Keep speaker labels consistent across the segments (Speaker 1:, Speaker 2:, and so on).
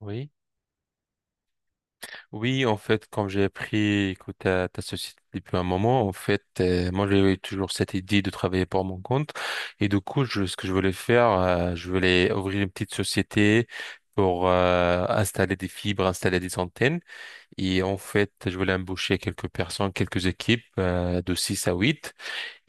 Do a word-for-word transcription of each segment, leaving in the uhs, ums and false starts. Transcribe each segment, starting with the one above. Speaker 1: Oui, oui, en fait, comme j'ai appris, écoute, ta, ta société depuis un moment, en fait, euh, moi, j'avais toujours cette idée de travailler pour mon compte. Et du coup, je, ce que je voulais faire, euh, je voulais ouvrir une petite société pour euh, installer des fibres, installer des antennes. Et en fait, je voulais embaucher quelques personnes, quelques équipes euh, de six à huit.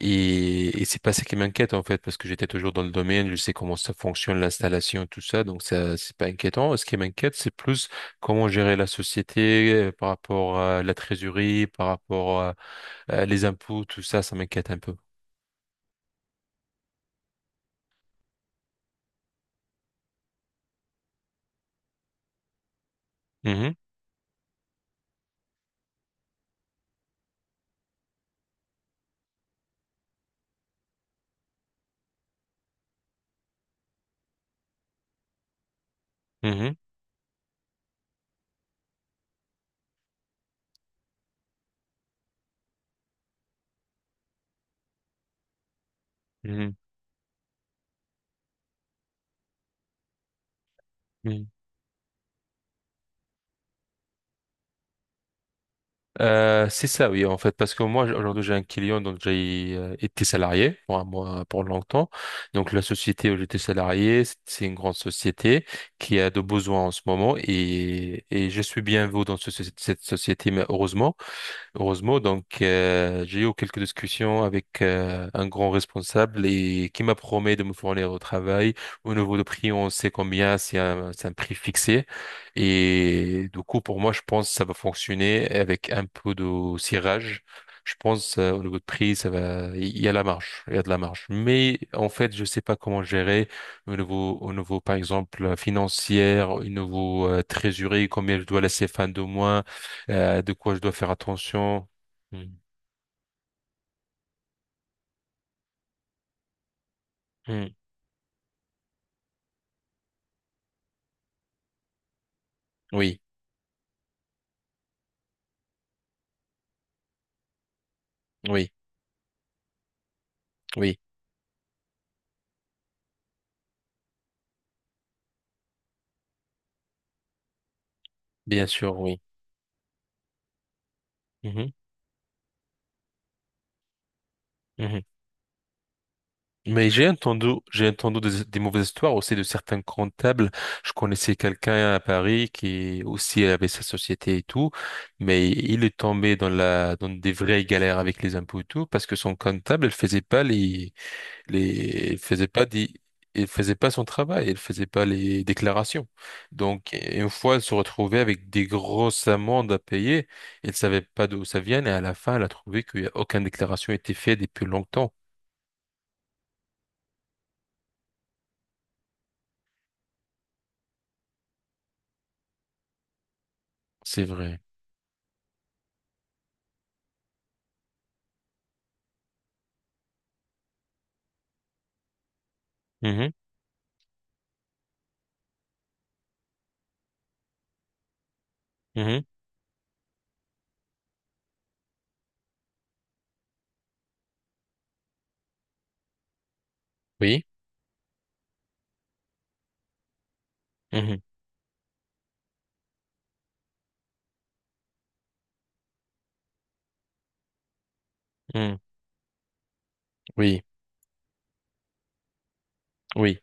Speaker 1: Et, et c'est pas ça qui m'inquiète en fait, parce que j'étais toujours dans le domaine, je sais comment ça fonctionne, l'installation, tout ça, donc ça, c'est pas inquiétant. Ce qui m'inquiète, c'est plus comment gérer la société euh, par rapport à la trésorerie, par rapport à, à les impôts, tout ça, ça m'inquiète un peu. Mhm. Mhm. Mhm. Mhm. Euh, c'est ça, oui, en fait, parce que moi, j- aujourd'hui, j'ai un client, donc j'ai euh, été salarié pour un mois, pour longtemps. Donc, la société où j'étais salarié, c- c'est une grande société qui a de besoins en ce moment et, et je suis bien vous dans ce- cette société, mais heureusement heureusement. Donc, euh, j'ai eu quelques discussions avec euh, un grand responsable et qui m'a promis de me fournir au travail. Au niveau de prix, on sait combien, c'est un, c'est un prix fixé. Et du coup, pour moi, je pense que ça va fonctionner avec un peu de cirage. Je pense euh, au niveau de prix, ça va, il y a la marge, il y a de la marge. Mais en fait, je sais pas comment gérer au niveau, au niveau, par exemple, financière, au niveau euh, trésorerie, combien je dois laisser fin de mois euh, de quoi je dois faire attention. Mm. Mm. Oui, oui, oui, bien sûr, oui. Mhm. Mhm. Mais j'ai entendu, j'ai entendu des, des mauvaises histoires aussi de certains comptables. Je connaissais quelqu'un à Paris qui aussi avait sa société et tout, mais il est tombé dans la, dans des vraies galères avec les impôts et tout parce que son comptable, il faisait pas les, les, il faisait pas des, il faisait pas son travail, il faisait pas les déclarations. Donc, une fois, elle se retrouvait avec des grosses amendes à payer. Elle savait pas d'où ça vient et à la fin, elle a trouvé qu'il y a aucune déclaration a été faite depuis longtemps. C'est vrai. Mhm. Mhm. Oui. Mhm. Mhm. Oui. Oui.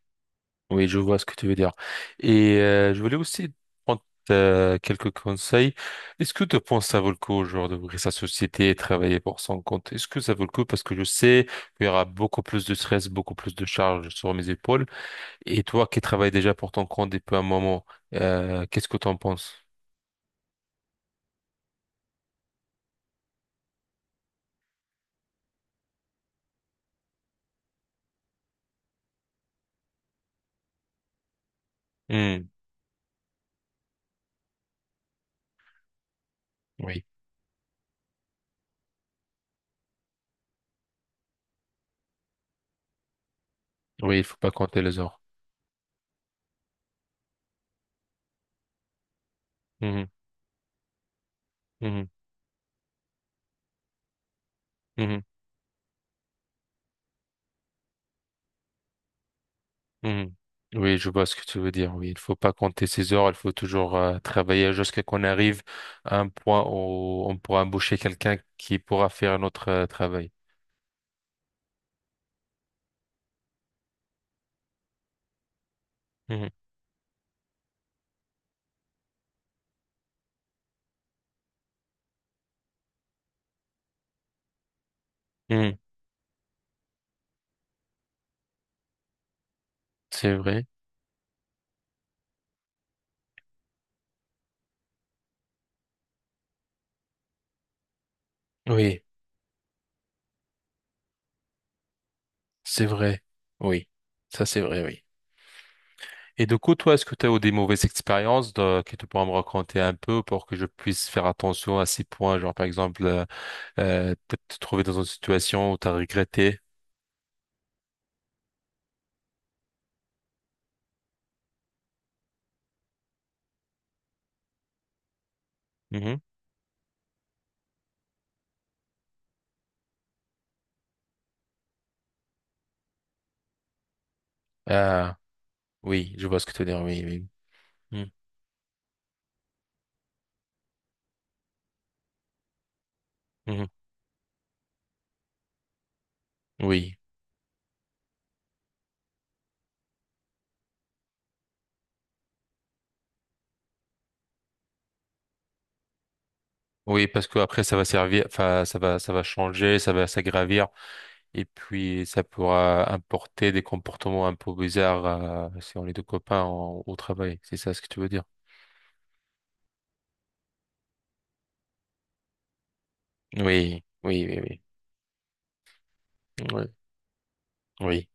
Speaker 1: Oui, je vois ce que tu veux dire. Et euh, je voulais aussi prendre euh, quelques conseils. Est-ce que tu penses que ça vaut le coup, au genre, d'ouvrir sa société et travailler pour son compte? Est-ce que ça vaut le coup? Parce que je sais qu'il y aura beaucoup plus de stress, beaucoup plus de charges sur mes épaules. Et toi qui travailles déjà pour ton compte depuis un moment, euh, qu'est-ce que tu en penses? Hmm, oui, oui, il faut pas compter les heures. Mhm. Mhm. Mhm. Mhm. Oui, je vois ce que tu veux dire. Oui, il faut pas compter ses heures. Il faut toujours euh, travailler jusqu'à qu'on arrive à un point où on pourra embaucher quelqu'un qui pourra faire notre euh, travail. Mhm. Mhm. C'est vrai. Oui, c'est vrai. Oui, ça c'est vrai, oui. Et du coup, toi, est-ce que tu as eu des mauvaises expériences de- que tu pourras me raconter un peu pour que je puisse faire attention à ces points? Genre, par exemple, euh, euh, peut-être te trouver dans une situation où tu as regretté. Mhm. Ah, oui, je vois ce que tu veux dire. Oui, oui. Mhm. Oui, oui, parce que après ça va servir, enfin ça va, ça va changer, ça va s'aggravir, et puis ça pourra importer des comportements un peu bizarres euh, si on est deux copains en- au travail. C'est ça ce que tu veux dire? Oui, oui, oui, oui, oui, oui.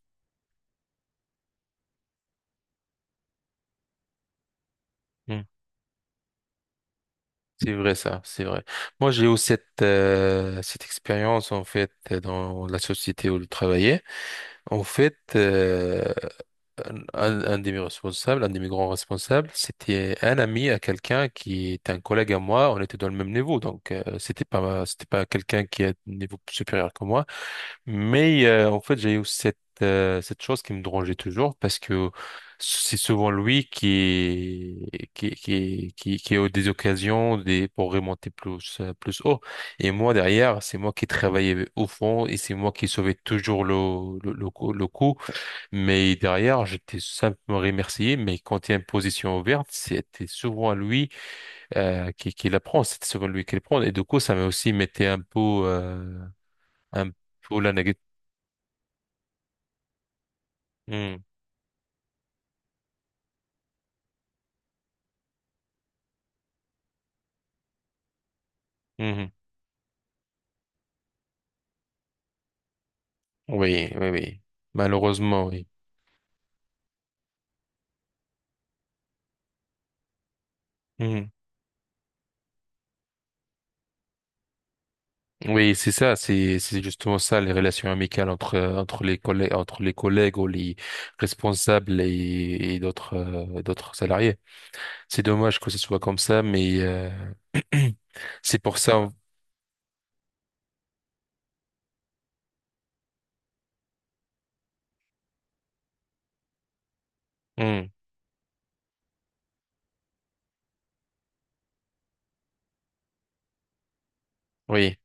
Speaker 1: Hmm. C'est vrai ça, c'est vrai. Moi j'ai eu cette euh, cette expérience en fait dans la société où je travaillais. En fait, euh, un, un- un de mes responsables, un de mes grands responsables, c'était un ami à quelqu'un qui est un collègue à moi. On était dans le même niveau, donc euh, c'était pas c'était pas quelqu'un qui est à un niveau supérieur que moi. Mais euh, en fait, j'ai eu cette euh, cette chose qui me dérangeait toujours parce que c'est souvent lui qui qui qui qui, qui a eu des occasions des pour remonter plus euh, plus haut. Et moi derrière, c'est moi qui travaillais au fond et c'est moi qui sauvais toujours le le le coup. le coup. Mais derrière, j'étais simplement remercié, mais quand il y a une position ouverte, c'était souvent lui euh, qui, qui la prend, c'était souvent lui qui la prend. Et du coup, ça m'a aussi mettait un peu, euh, un peu la négative. Oui, oui, oui. Malheureusement, oui. Mhm. Oui, c'est ça, c'est c'est justement ça, les relations amicales entre euh, entre les collègues entre les collègues ou les responsables et, et d'autres euh, d'autres salariés. C'est dommage que ce soit comme ça, mais euh, c'est pour ça. Oui,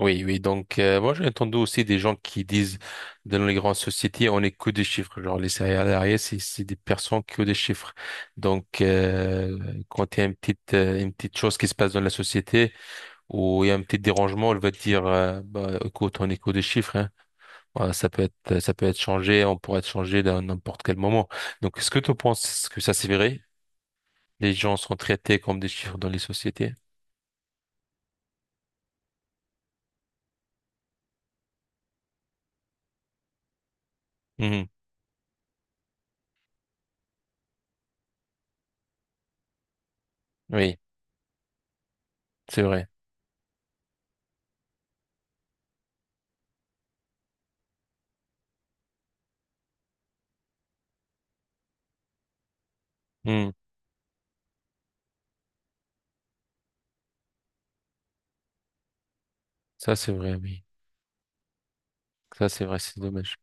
Speaker 1: oui, oui. Donc, euh, moi, j'ai entendu aussi des gens qui disent dans les grandes sociétés, on est que des chiffres. Genre, les salariés, c'est c'est des personnes qui ont des chiffres. Donc, euh, quand il y a une petite, euh, une petite chose qui se passe dans la société ou il y a un petit dérangement, elle va te dire, euh, bah, écoute, on est que des chiffres, hein. Voilà, ça peut être, ça peut être changé, on pourrait être changé dans n'importe quel moment. Donc, est-ce que tu penses que ça, c'est vrai? Les gens sont traités comme des chiffres dans les sociétés? Mhm. Oui, c'est vrai. Mhm. Ça, c'est vrai, oui. Ça, c'est vrai, c'est dommage.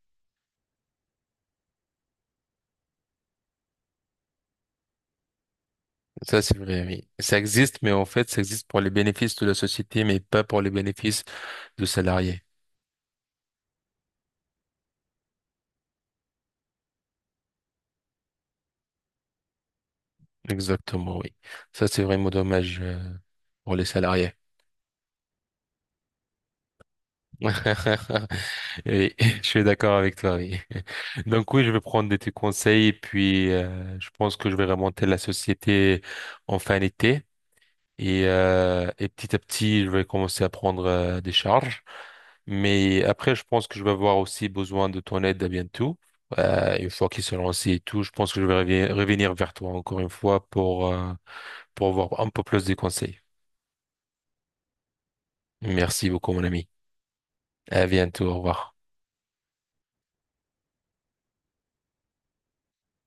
Speaker 1: Ça, c'est vrai, oui. Ça existe, mais en fait, ça existe pour les bénéfices de la société, mais pas pour les bénéfices de salariés. Exactement, oui. Ça, c'est vraiment dommage euh, pour les salariés. Oui, je suis d'accord avec toi, oui. Donc oui, je vais prendre de tes conseils et puis euh, je pense que je vais remonter la société en fin d'été et, euh, et petit à petit, je vais commencer à prendre euh, des charges. Mais après, je pense que je vais avoir aussi besoin de ton aide à bientôt. Euh, une fois qu'il se lance et tout, je pense que je vais revi- revenir vers toi encore une fois pour, euh, pour avoir un peu plus de conseils. Merci beaucoup, mon ami. À bientôt. Au revoir.